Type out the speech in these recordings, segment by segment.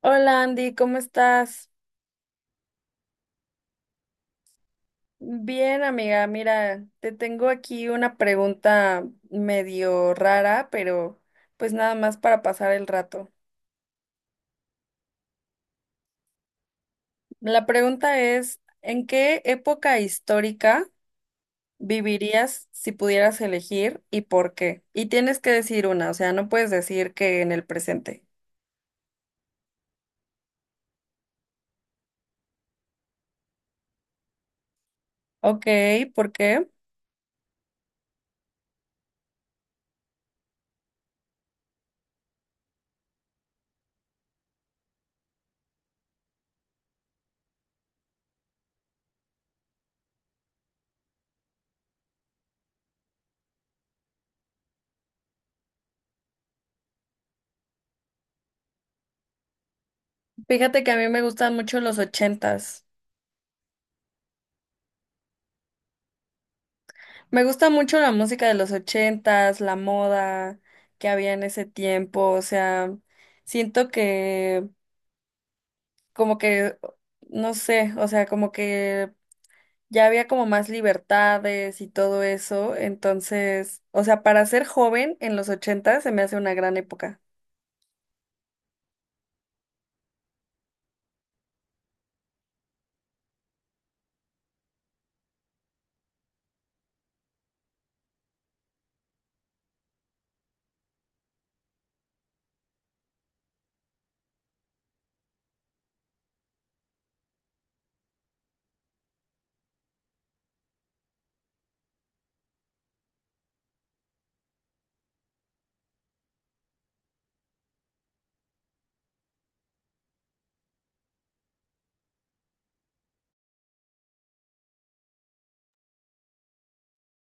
Hola Andy, ¿cómo estás? Bien, amiga, mira, te tengo aquí una pregunta medio rara, pero pues nada más para pasar el rato. La pregunta es, ¿en qué época histórica vivirías si pudieras elegir y por qué? Y tienes que decir una, o sea, no puedes decir que en el presente. Ok, ¿por qué? Fíjate que a mí me gustan mucho los 80s. Me gusta mucho la música de los 80s, la moda que había en ese tiempo, o sea, siento que como que, no sé, o sea, como que ya había como más libertades y todo eso, entonces, o sea, para ser joven en los 80s se me hace una gran época.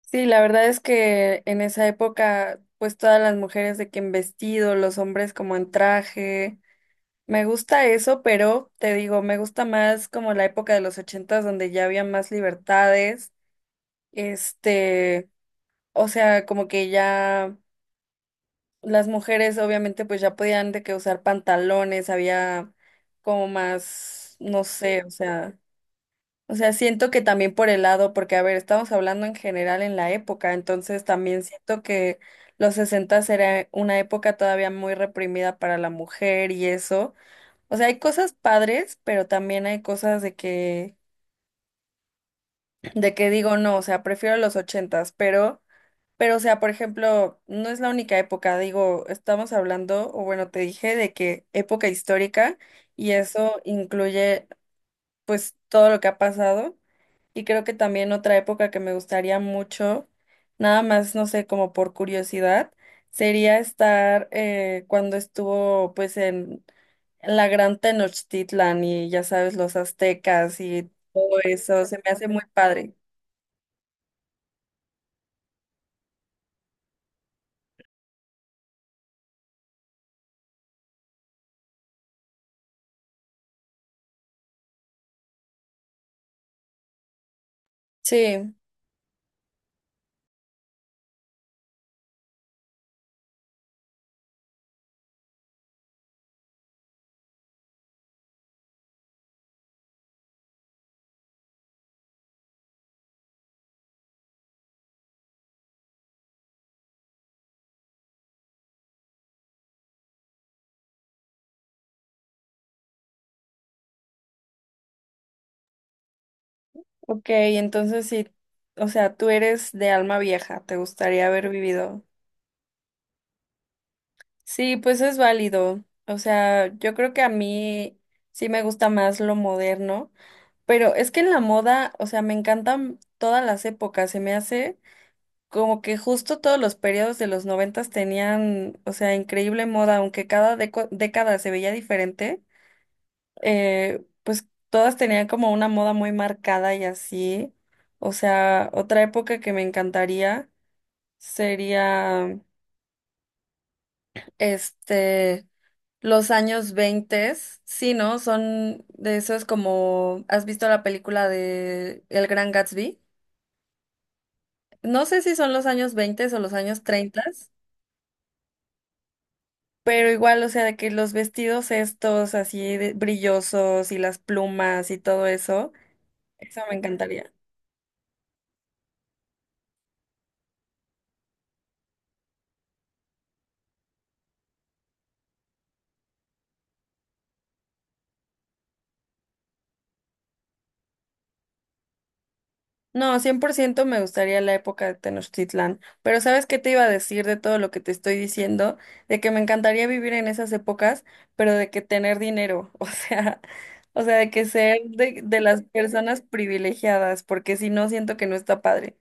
Sí, la verdad es que en esa época, pues todas las mujeres de que en vestido, los hombres como en traje. Me gusta eso, pero te digo, me gusta más como la época de los 80s donde ya había más libertades, este, o sea, como que ya las mujeres obviamente pues ya podían de que usar pantalones, había como más, no sé, o sea, siento que también por el lado, porque a ver, estamos hablando en general en la época, entonces también siento que los 60s era una época todavía muy reprimida para la mujer y eso. O sea, hay cosas padres, pero también hay cosas de que digo no, o sea, prefiero los 80s, pero, o sea, por ejemplo, no es la única época, digo, estamos hablando, o bueno, te dije de que época histórica, y eso incluye pues todo lo que ha pasado, y creo que también otra época que me gustaría mucho, nada más, no sé, como por curiosidad, sería estar cuando estuvo pues en la gran Tenochtitlan y ya sabes, los aztecas y todo eso, se me hace muy padre. Sí, ok, entonces sí, o sea, tú eres de alma vieja, te gustaría haber vivido. Sí, pues es válido. O sea, yo creo que a mí sí me gusta más lo moderno, pero es que en la moda, o sea, me encantan todas las épocas, se me hace como que justo todos los periodos de los 90s tenían, o sea, increíble moda, aunque cada década se veía diferente. Pues todas tenían como una moda muy marcada y así. O sea, otra época que me encantaría sería, este, los años 20. Sí, ¿no? Son de eso es como, ¿has visto la película de El Gran Gatsby? No sé si son los años 20 o los años 30, pero igual, o sea, de que los vestidos estos así de brillosos y las plumas y todo eso, eso me encantaría. No, 100% me gustaría la época de Tenochtitlán, pero ¿sabes qué te iba a decir de todo lo que te estoy diciendo? De que me encantaría vivir en esas épocas, pero de que tener dinero, o sea, de que ser de las personas privilegiadas, porque si no, siento que no está padre.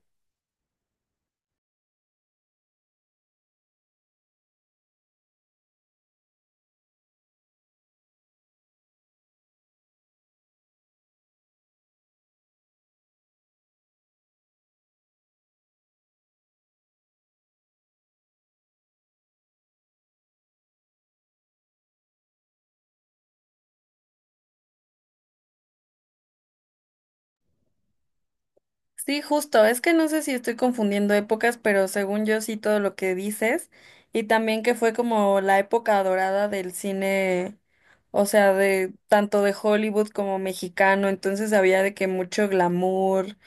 Sí, justo, es que no sé si estoy confundiendo épocas, pero según yo sí todo lo que dices, y también que fue como la época dorada del cine, o sea, de tanto de Hollywood como mexicano, entonces había de que mucho glamour,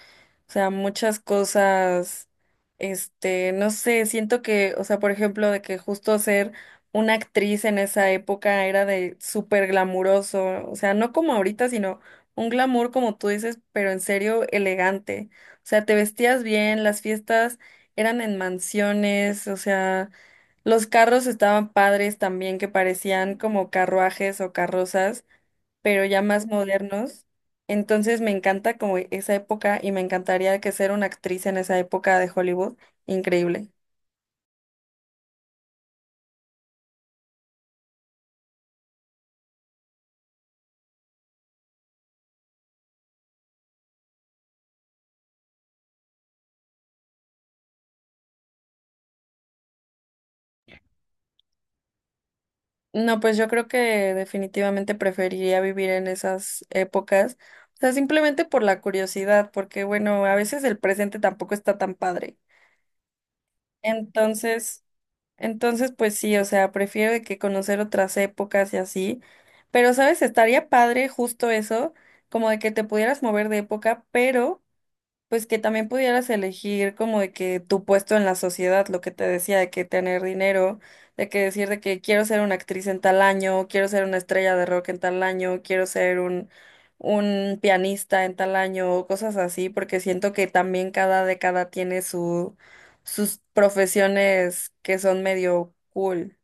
o sea, muchas cosas, no sé, siento que, o sea, por ejemplo, de que justo ser una actriz en esa época era de súper glamuroso, o sea, no como ahorita, sino un glamour, como tú dices, pero en serio elegante. O sea, te vestías bien, las fiestas eran en mansiones, o sea, los carros estaban padres también, que parecían como carruajes o carrozas, pero ya más modernos. Entonces me encanta como esa época y me encantaría que ser una actriz en esa época de Hollywood, increíble. No, pues yo creo que definitivamente preferiría vivir en esas épocas, o sea, simplemente por la curiosidad, porque bueno, a veces el presente tampoco está tan padre. Entonces, pues sí, o sea, prefiero de que conocer otras épocas y así, pero sabes, estaría padre justo eso, como de que te pudieras mover de época, pero. Pues que también pudieras elegir como de que tu puesto en la sociedad, lo que te decía, de que tener dinero, de que decir de que quiero ser una actriz en tal año, quiero ser una estrella de rock en tal año, quiero ser un pianista en tal año, o cosas así, porque siento que también cada década tiene sus profesiones que son medio cool.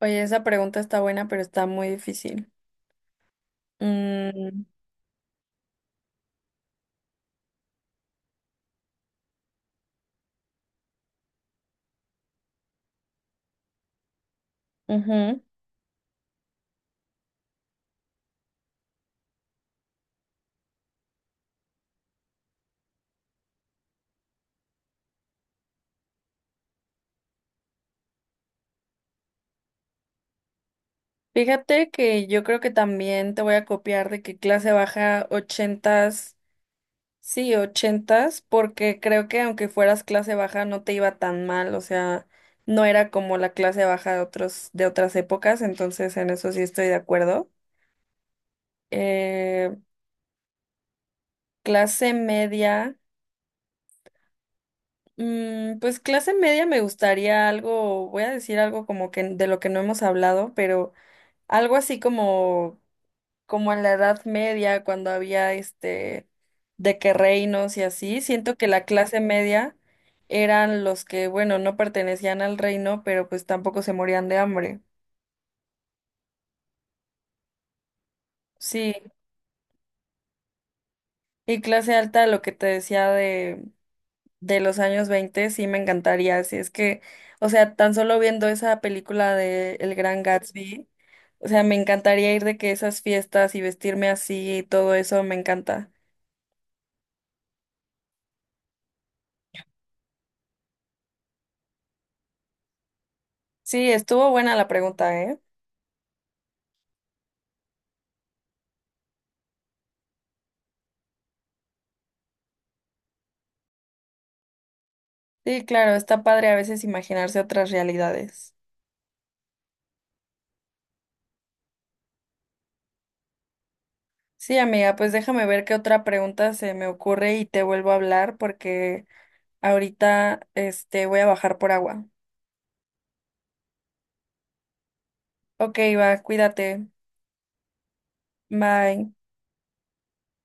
Oye, esa pregunta está buena, pero está muy difícil. Mm, ujú. Fíjate que yo creo que también te voy a copiar de que clase baja 80s, sí, 80s, porque creo que aunque fueras clase baja no te iba tan mal, o sea, no era como la clase baja de otros, de otras épocas, entonces en eso sí estoy de acuerdo. Eh, clase media, pues clase media me gustaría algo, voy a decir algo como que de lo que no hemos hablado, pero algo así como en la Edad Media, cuando había de que reinos y así, siento que la clase media eran los que, bueno, no pertenecían al reino, pero pues tampoco se morían de hambre. Sí, y clase alta, lo que te decía de los años 20 sí me encantaría, si es que, o sea, tan solo viendo esa película de El Gran Gatsby, o sea, me encantaría ir de que esas fiestas y vestirme así y todo eso me encanta. Sí, estuvo buena la pregunta, ¿eh? Sí, claro, está padre a veces imaginarse otras realidades. Sí, amiga, pues déjame ver qué otra pregunta se me ocurre y te vuelvo a hablar porque ahorita voy a bajar por agua. Ok, va, cuídate. Bye.